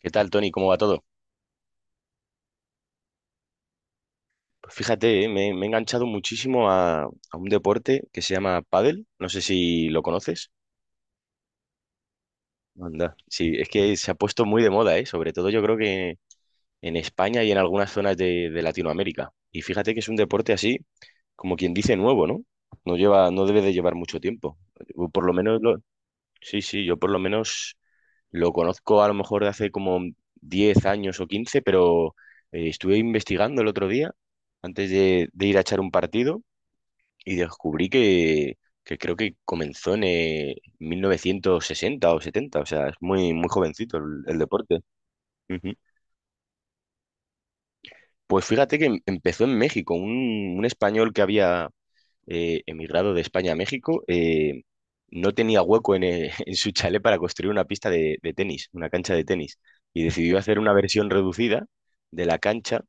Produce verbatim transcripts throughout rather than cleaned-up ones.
¿Qué tal, Tony? ¿Cómo va todo? Pues fíjate, eh, me, me he enganchado muchísimo a, a un deporte que se llama pádel. No sé si lo conoces. Anda. Sí, es que se ha puesto muy de moda, ¿eh? Sobre todo yo creo que en España y en algunas zonas de, de Latinoamérica. Y fíjate que es un deporte así, como quien dice, nuevo, ¿no? No lleva, no debe de llevar mucho tiempo. Yo por lo menos lo- Sí, sí, yo por lo menos lo conozco a lo mejor de hace como diez años o quince, pero eh, estuve investigando el otro día, antes de, de ir a echar un partido, y descubrí que, que creo que comenzó en eh, mil novecientos sesenta o setenta. O sea, es muy, muy jovencito el, el deporte. Ujú. Pues fíjate que em- empezó en México. Un, un español que había eh, emigrado de España a México eh, no tenía hueco en, eh, en su chalet para construir una pista de, de tenis, una cancha de tenis, y decidió hacer una versión reducida de la cancha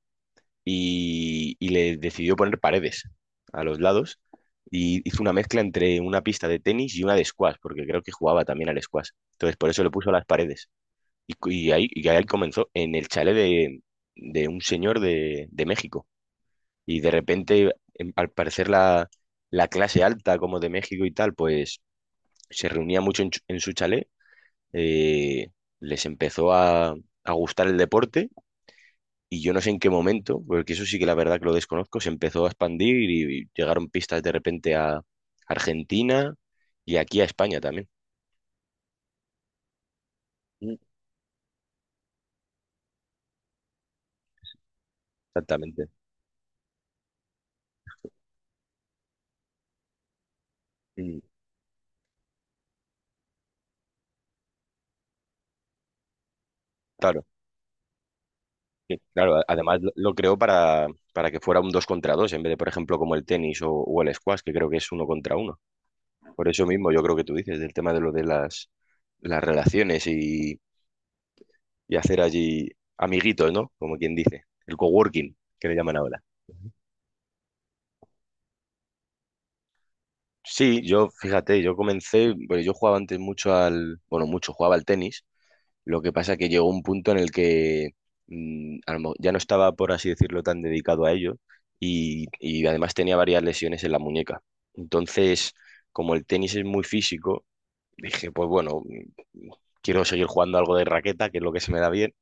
y, y le decidió poner paredes a los lados, y hizo una mezcla entre una pista de tenis y una de squash, porque creo que jugaba también al squash. Entonces, por eso le puso las paredes. Y, cu- y ahí, y ahí comenzó, en el chalet de, de un señor de, de México. Y de repente, en- al parecer, la, la clase alta, como de México y tal, pues se reunía mucho en, chu- en su chalet, eh, les empezó a, a gustar el deporte y yo no sé en qué momento, porque eso sí que la verdad que lo desconozco, se empezó a expandir y, y llegaron pistas de repente a Argentina y aquí a España también. Mm. Exactamente. Mm. Claro, sí, claro. a- Además lo, lo creó para, para, que fuera un dos contra dos en vez de, por ejemplo, como el tenis o, o el squash, que creo que es uno contra uno. Por eso mismo, yo creo que tú dices, del tema de lo de las, las relaciones y, y hacer allí amiguitos, ¿no? Como quien dice, el coworking, que le llaman ahora. Sí, yo, fíjate, yo comencé, bueno, yo jugaba antes mucho al, bueno, mucho, jugaba al tenis, lo que pasa que llegó un punto en el que mm, a lo mo- ya no estaba, por así decirlo, tan dedicado a ello y, y además tenía varias lesiones en la muñeca. Entonces, como el tenis es muy físico, dije, pues bueno, mm, quiero seguir jugando algo de raqueta, que es lo que se me da bien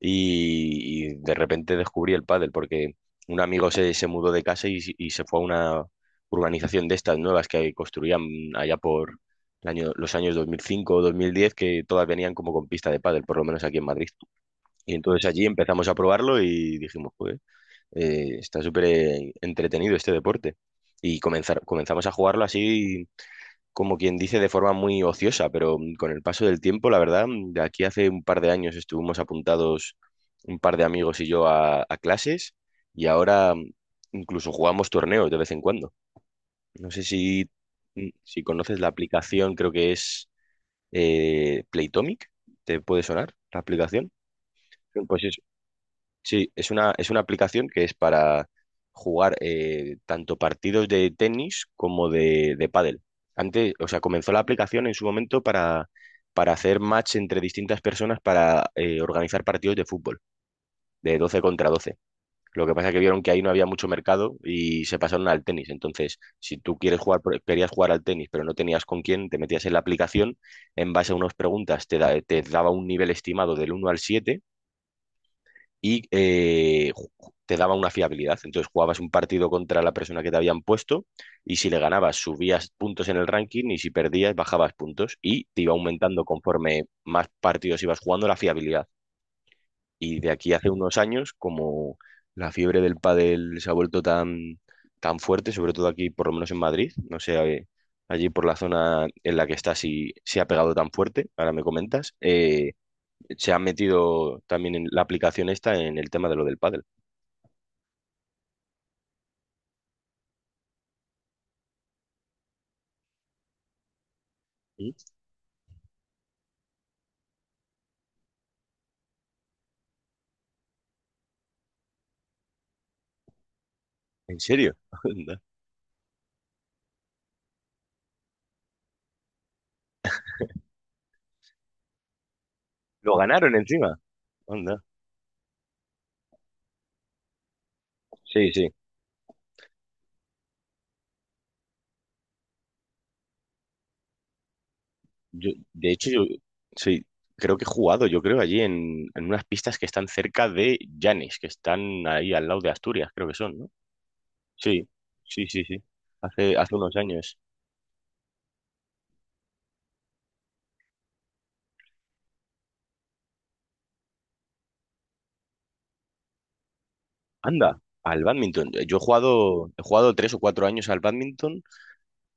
y, y de repente descubrí el pádel porque un amigo se, se mudó de casa y, y se fue a una urbanización de estas nuevas que construían allá por el año, los años dos mil cinco o dos mil diez, que todas venían como con pista de pádel, por lo menos aquí en Madrid. Y entonces allí empezamos a probarlo y dijimos, joder, eh, está súper eh, entretenido este deporte. Y comenzar, comenzamos a jugarlo así como quien dice, de forma muy ociosa, pero mm, con el paso del tiempo, la verdad, mm, de aquí hace un par de años estuvimos apuntados un par de amigos y yo a, a clases y ahora mm, incluso jugamos torneos de vez en cuando. No sé si, mm, si conoces la aplicación, creo que es eh, Playtomic. ¿Te puede sonar la aplicación? Pues es Sí, es una, es una aplicación que es para jugar eh, tanto partidos de tenis como de, de pádel. Antes, o sea, comenzó la aplicación en su momento para, para hacer match entre distintas personas para eh, organizar partidos de fútbol, de doce contra doce. Lo que pasa es que vieron que ahí no había mucho mercado y se pasaron al tenis. Entonces, si tú quieres jugar, por- querías jugar al tenis, pero no tenías con quién, te metías en la aplicación, en base a unas preguntas te, da- te daba un nivel estimado del uno al siete y eh, ju- te daba una fiabilidad. Entonces jugabas un partido contra la persona que te habían puesto y si le ganabas subías puntos en el ranking y si perdías bajabas puntos y te iba aumentando conforme más partidos ibas jugando la fiabilidad. Y de aquí hace unos años, como la fiebre del pádel se ha vuelto tan, tan fuerte, sobre todo aquí, por lo menos en Madrid, no sé, eh, allí por la zona en la que estás si se ha pegado tan fuerte, ahora me comentas, eh, se ha metido también en la aplicación esta en el tema de lo del pádel. ¿Sí? ¿En serio? Onda. Lo ganaron encima. Onda. Sí, sí. Yo, de hecho, yo sí, creo que he jugado, yo creo, allí en, en unas pistas que están cerca de Llanes, que están ahí al lado de Asturias, creo que son, ¿no? Sí, sí, sí, sí. Hace, hace unos años. Anda, al bádminton. Yo he jugado, he jugado tres o cuatro años al bádminton.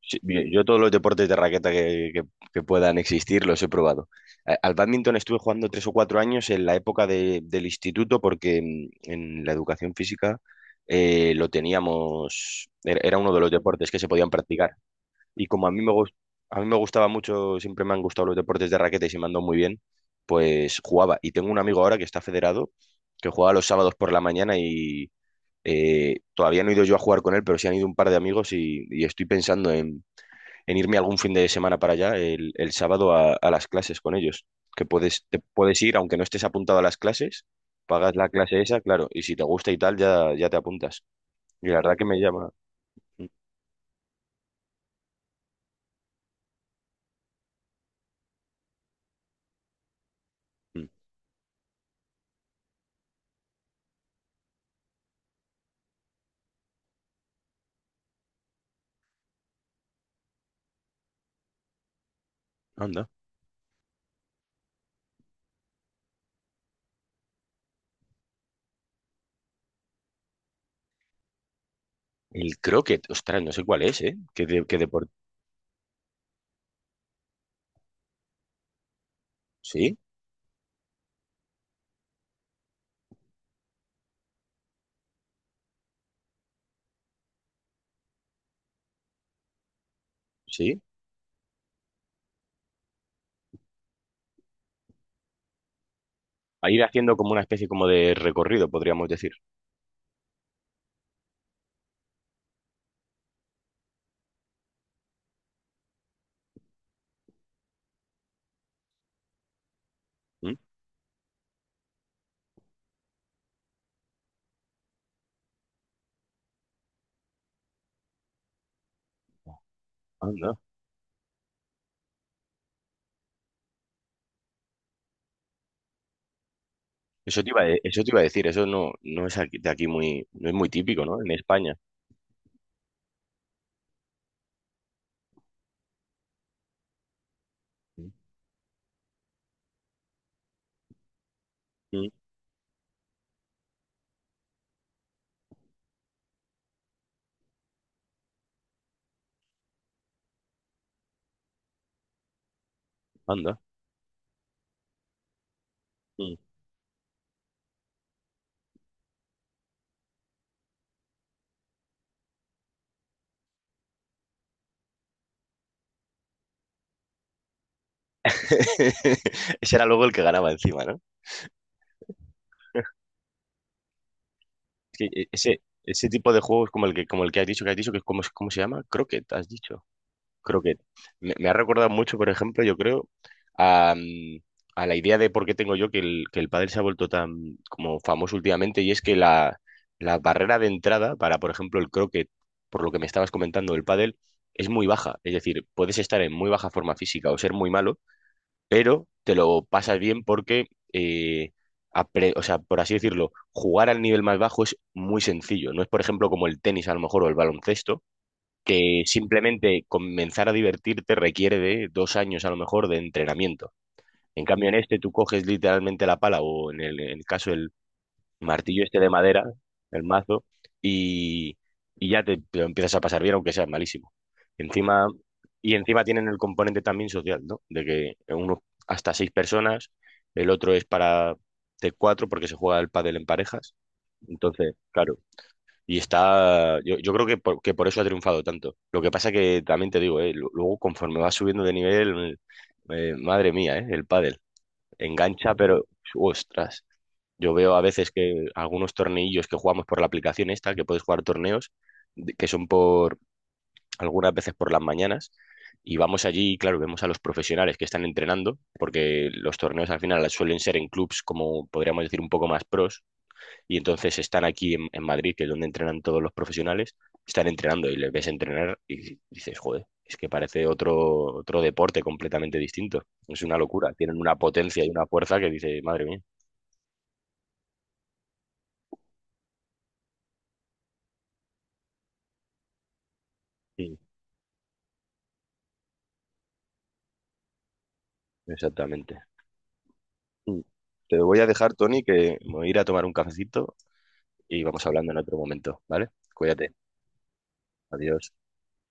Sí, bien, yo todos los deportes de raqueta que, que- que puedan existir los he probado. A- Al bádminton estuve jugando tres o cuatro años en la época de- del instituto porque mm, en la educación física eh, lo teníamos, era era uno de los deportes que se podían practicar. Y como a mí me gus- a mí me gustaba mucho, siempre me han gustado los deportes de raqueta y se me han dado muy bien, pues jugaba. Y tengo un amigo ahora que está federado, que juega los sábados por la mañana y eh, todavía no he ido yo a jugar con él, pero sí han ido un par de amigos y, y estoy pensando en en irme algún fin de semana para allá, el, el sábado a, a las clases con ellos. Que puedes, te puedes ir, aunque no estés apuntado a las clases, pagas la clase esa, claro, y si te gusta y tal, ya, ya te apuntas. Y la verdad que me llama. Mm. Anda. El croquet, ostras, no sé cuál es, ¿eh? ¿Qué, de, qué deporte? Sí, sí. A ir haciendo como una especie como de recorrido, podríamos decir. Mm. Anda. Eso te iba, a de- eso te iba a decir, eso no, no es aquí- de aquí muy, no es muy típico, ¿no? En España. Mm. Mm. Anda. Ese era luego el que ganaba encima, ¿no? Es que e- ese, ese tipo de juegos como el que, como el que has dicho, que has dicho, que es como, ¿cómo se llama? Croquet, has dicho. Croquet. Me, me ha recordado mucho, por ejemplo, yo creo, a, mm, a la idea de por qué tengo yo que el, que el, pádel se ha vuelto tan como famoso últimamente, y es que la, la barrera de entrada para, por ejemplo, el croquet, por lo que me estabas comentando del pádel, es muy baja. Es decir, puedes estar en muy baja forma física o ser muy malo, pero te lo pasas bien porque, eh, apre- o sea, por así decirlo, jugar al nivel más bajo es muy sencillo. No es, por ejemplo, como el tenis a lo mejor o el baloncesto, que simplemente comenzar a divertirte requiere de dos años a lo mejor de entrenamiento. En cambio, en este tú coges literalmente la pala o en el, en el caso martillo este de madera, el mazo, y, y ya te, te lo empiezas a pasar bien, aunque seas malísimo. Encima, y encima tienen el componente también social, ¿no? De que uno hasta seis personas, el otro es para de cuatro porque se juega el pádel en parejas. Entonces, claro, y está, yo, yo creo que por, que por eso ha triunfado tanto. Lo que pasa que también te digo, ¿eh? lu- Luego conforme vas subiendo de nivel, eh, madre mía, ¿eh? El pádel engancha, pero ostras. Yo veo a veces que algunos torneillos que jugamos por la aplicación esta, que puedes jugar torneos, de- que son por algunas veces por las mañanas, y vamos allí y claro, vemos a los profesionales que están entrenando, porque los torneos al final suelen ser en clubs como podríamos decir un poco más pros, y entonces están aquí en, en Madrid, que es donde entrenan todos los profesionales, están entrenando y les ves entrenar y dices, joder, es que parece otro, otro, deporte completamente distinto. Es una locura, tienen una potencia y una fuerza que dice, madre mía. Sí, exactamente. Mm. Te voy a dejar, Tony, que me voy a ir a tomar un cafecito y vamos hablando en otro momento, ¿vale? Cuídate. Adiós.